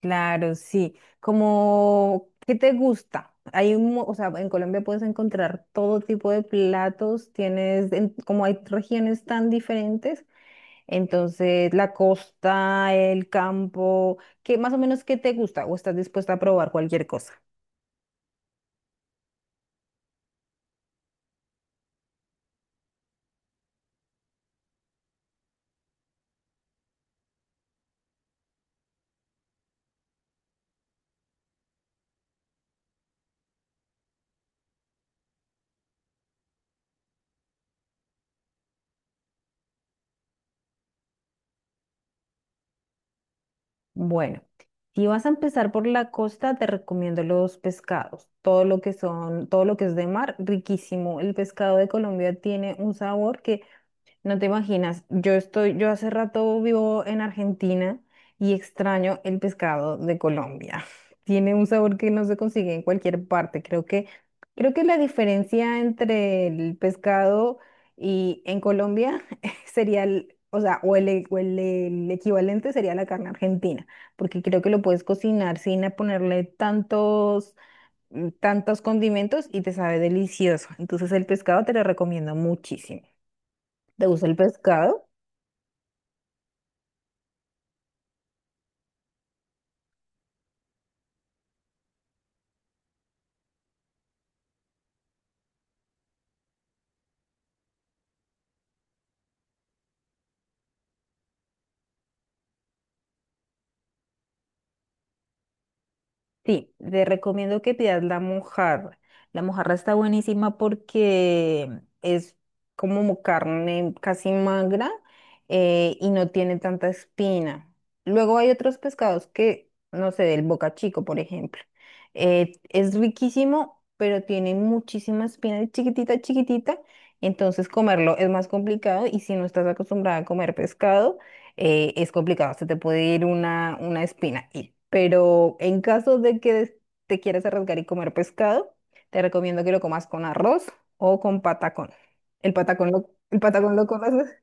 Claro, sí. Como, ¿qué te gusta? Hay o sea, en Colombia puedes encontrar todo tipo de platos, tienes, como hay regiones tan diferentes, entonces la costa, el campo, ¿qué más o menos qué te gusta o estás dispuesta a probar cualquier cosa? Bueno, si vas a empezar por la costa, te recomiendo los pescados, todo lo que es de mar, riquísimo. El pescado de Colombia tiene un sabor que no te imaginas. Yo hace rato vivo en Argentina y extraño el pescado de Colombia. Tiene un sabor que no se consigue en cualquier parte. Creo que la diferencia entre el pescado y en Colombia sería el, o sea, o el, e- o el equivalente sería la carne argentina, porque creo que lo puedes cocinar sin a ponerle tantos, tantos condimentos y te sabe delicioso. Entonces el pescado te lo recomiendo muchísimo. ¿Te gusta el pescado? Sí, te recomiendo que pidas la mojarra. La mojarra está buenísima porque es como carne casi magra, y no tiene tanta espina. Luego hay otros pescados que, no sé, del boca chico, por ejemplo. Es riquísimo, pero tiene muchísima espina, es chiquitita, chiquitita. Entonces comerlo es más complicado y si no estás acostumbrada a comer pescado, es complicado, se te puede ir una espina. Pero en caso de que te quieras arriesgar y comer pescado, te recomiendo que lo comas con arroz o con patacón. El patacón lo conoces?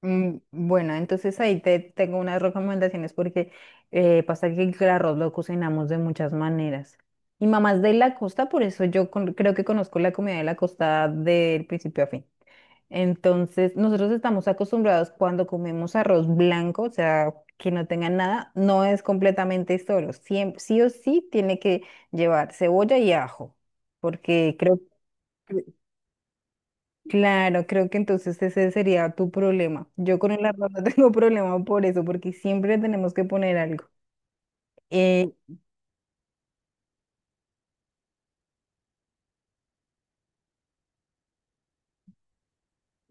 Mm, bueno, entonces ahí te tengo unas recomendaciones porque pasa que el arroz lo cocinamos de muchas maneras. Y mamás de la costa, por eso creo que conozco la comida de la costa del principio a fin. Entonces, nosotros estamos acostumbrados cuando comemos arroz blanco, o sea, que no tenga nada, no es completamente solo. Siempre, sí o sí tiene que llevar cebolla y ajo, porque cre- claro, creo que entonces ese sería tu problema. Yo con el arroz no tengo problema por eso, porque siempre tenemos que poner algo. Eh,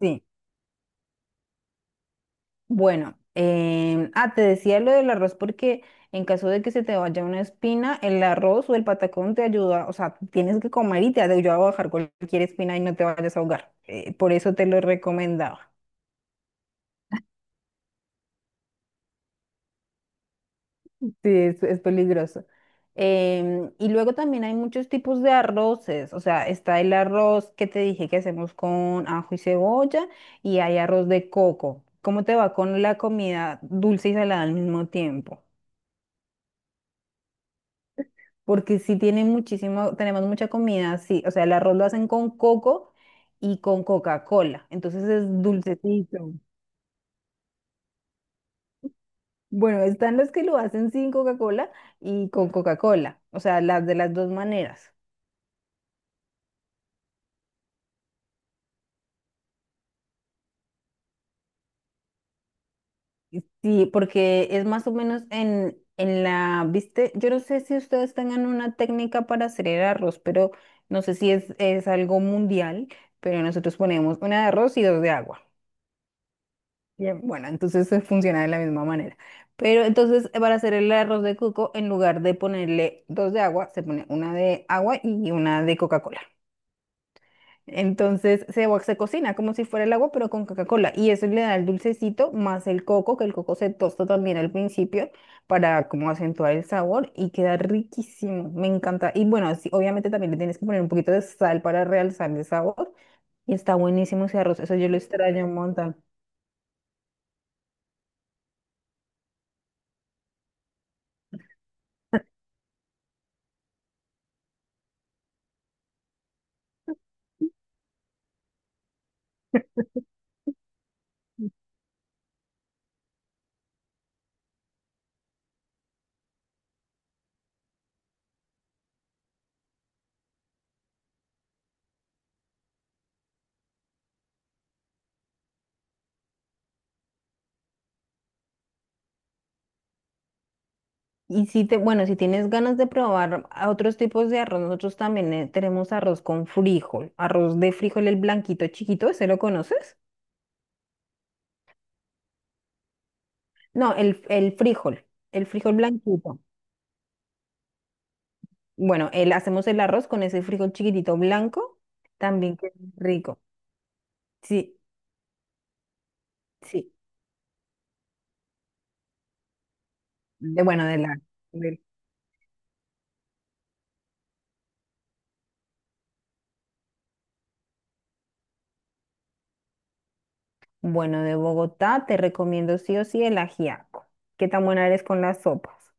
sí. Bueno, te decía lo del arroz porque en caso de que se te vaya una espina, el arroz o el patacón te ayuda, o sea, tienes que comer y te ayuda a bajar cualquier espina y no te vayas a ahogar. Por eso te lo recomendaba. Sí, es peligroso. Y luego también hay muchos tipos de arroces, o sea, está el arroz que te dije que hacemos con ajo y cebolla y hay arroz de coco. ¿Cómo te va con la comida dulce y salada al mismo tiempo? Porque sí tienen muchísimo, tenemos mucha comida, sí, o sea, el arroz lo hacen con coco y con Coca-Cola, entonces es dulcecito. Bueno, están los que lo hacen sin Coca-Cola y con Coca-Cola, o sea, las de las dos maneras. Sí, porque es más o menos en la, viste, yo no sé si ustedes tengan una técnica para hacer el arroz, pero no sé si es algo mundial, pero nosotros ponemos una de arroz y dos de agua. Bien, bueno, entonces funciona de la misma manera. Pero entonces, para hacer el arroz de coco, en lugar de ponerle dos de agua, se pone una de agua y una de Coca-Cola. Entonces se cocina como si fuera el agua, pero con Coca-Cola. Y eso le da el dulcecito más el coco, que el coco se tosta también al principio para como acentuar el sabor y queda riquísimo. Me encanta. Y bueno, sí, obviamente también le tienes que poner un poquito de sal para realzar el sabor. Y está buenísimo ese arroz. Eso yo lo extraño un montón. Y bueno, si tienes ganas de probar a otros tipos de arroz, nosotros también tenemos arroz con frijol, arroz de frijol, el blanquito chiquito, ¿ese lo conoces? No, el frijol blanquito. Bueno, el, hacemos el arroz con ese frijol chiquitito blanco, también que es rico. Sí, sí, de, bueno, de la, del- bueno, de Bogotá te recomiendo sí o sí el ajiaco. ¿Qué tan buena eres con las sopas?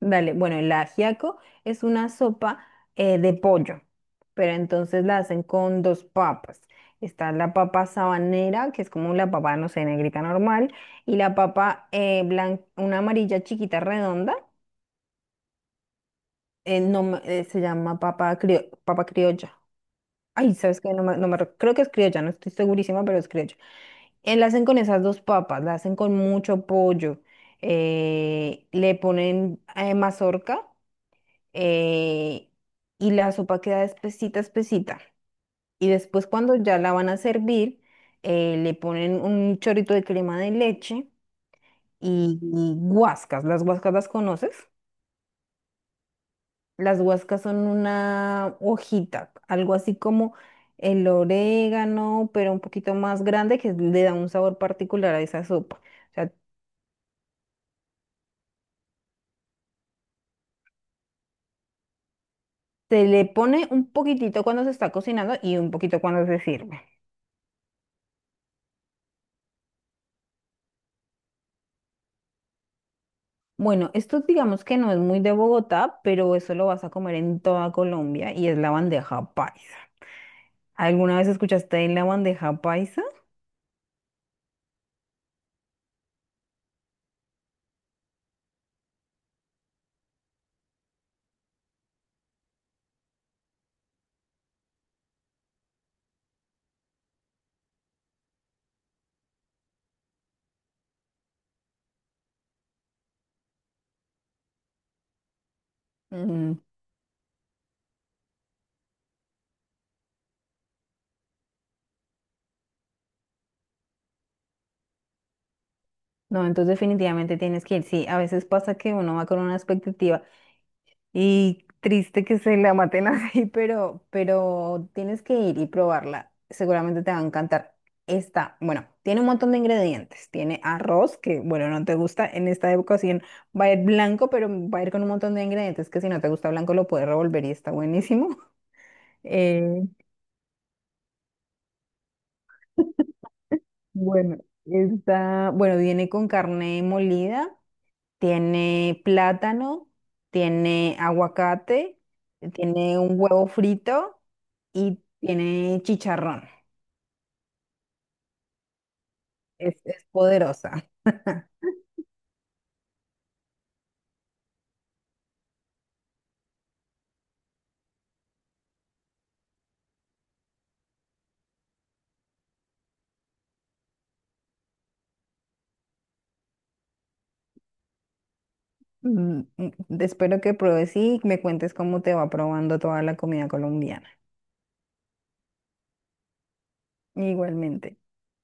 Dale, bueno, el ajiaco es una sopa, de pollo, pero entonces la hacen con dos papas. Está la papa sabanera, que es como la papa, no sé, negrita normal, y la papa una amarilla chiquita redonda, no, me- se llama papa, papa criolla. Ay, ¿sabes qué? No me, no me rec- creo que es criolla, no estoy segurísima, pero es criolla. La hacen con esas dos papas, la hacen con mucho pollo, le ponen mazorca, eh, y la sopa queda espesita, espesita. Y después cuando ya la van a servir, le ponen un chorrito de crema de leche y guascas. ¿Las guascas las conoces? Las guascas son una hojita, algo así como el orégano, pero un poquito más grande que le da un sabor particular a esa sopa. O sea, se le pone un poquitito cuando se está cocinando y un poquito cuando se sirve. Bueno, esto digamos que no es muy de Bogotá, pero eso lo vas a comer en toda Colombia y es la bandeja paisa. ¿Alguna vez escuchaste de la bandeja paisa? Mm, no, entonces definitivamente tienes que ir. Sí, a veces pasa que uno va con una expectativa. Y triste que se la maten así, pero tienes que ir y probarla. Seguramente te va a encantar. Esta, bueno, tiene un montón de ingredientes. Tiene arroz, que bueno, no te gusta en esta época, sí va a ir blanco, pero va a ir con un montón de ingredientes que si no te gusta blanco lo puedes revolver y está buenísimo. Eh, bueno, está, bueno, viene con carne molida. Tiene plátano, tiene aguacate, tiene un huevo frito y tiene chicharrón. Es poderosa. Mm, mm, espero que pruebes y me cuentes cómo te va probando toda la comida colombiana. Igualmente.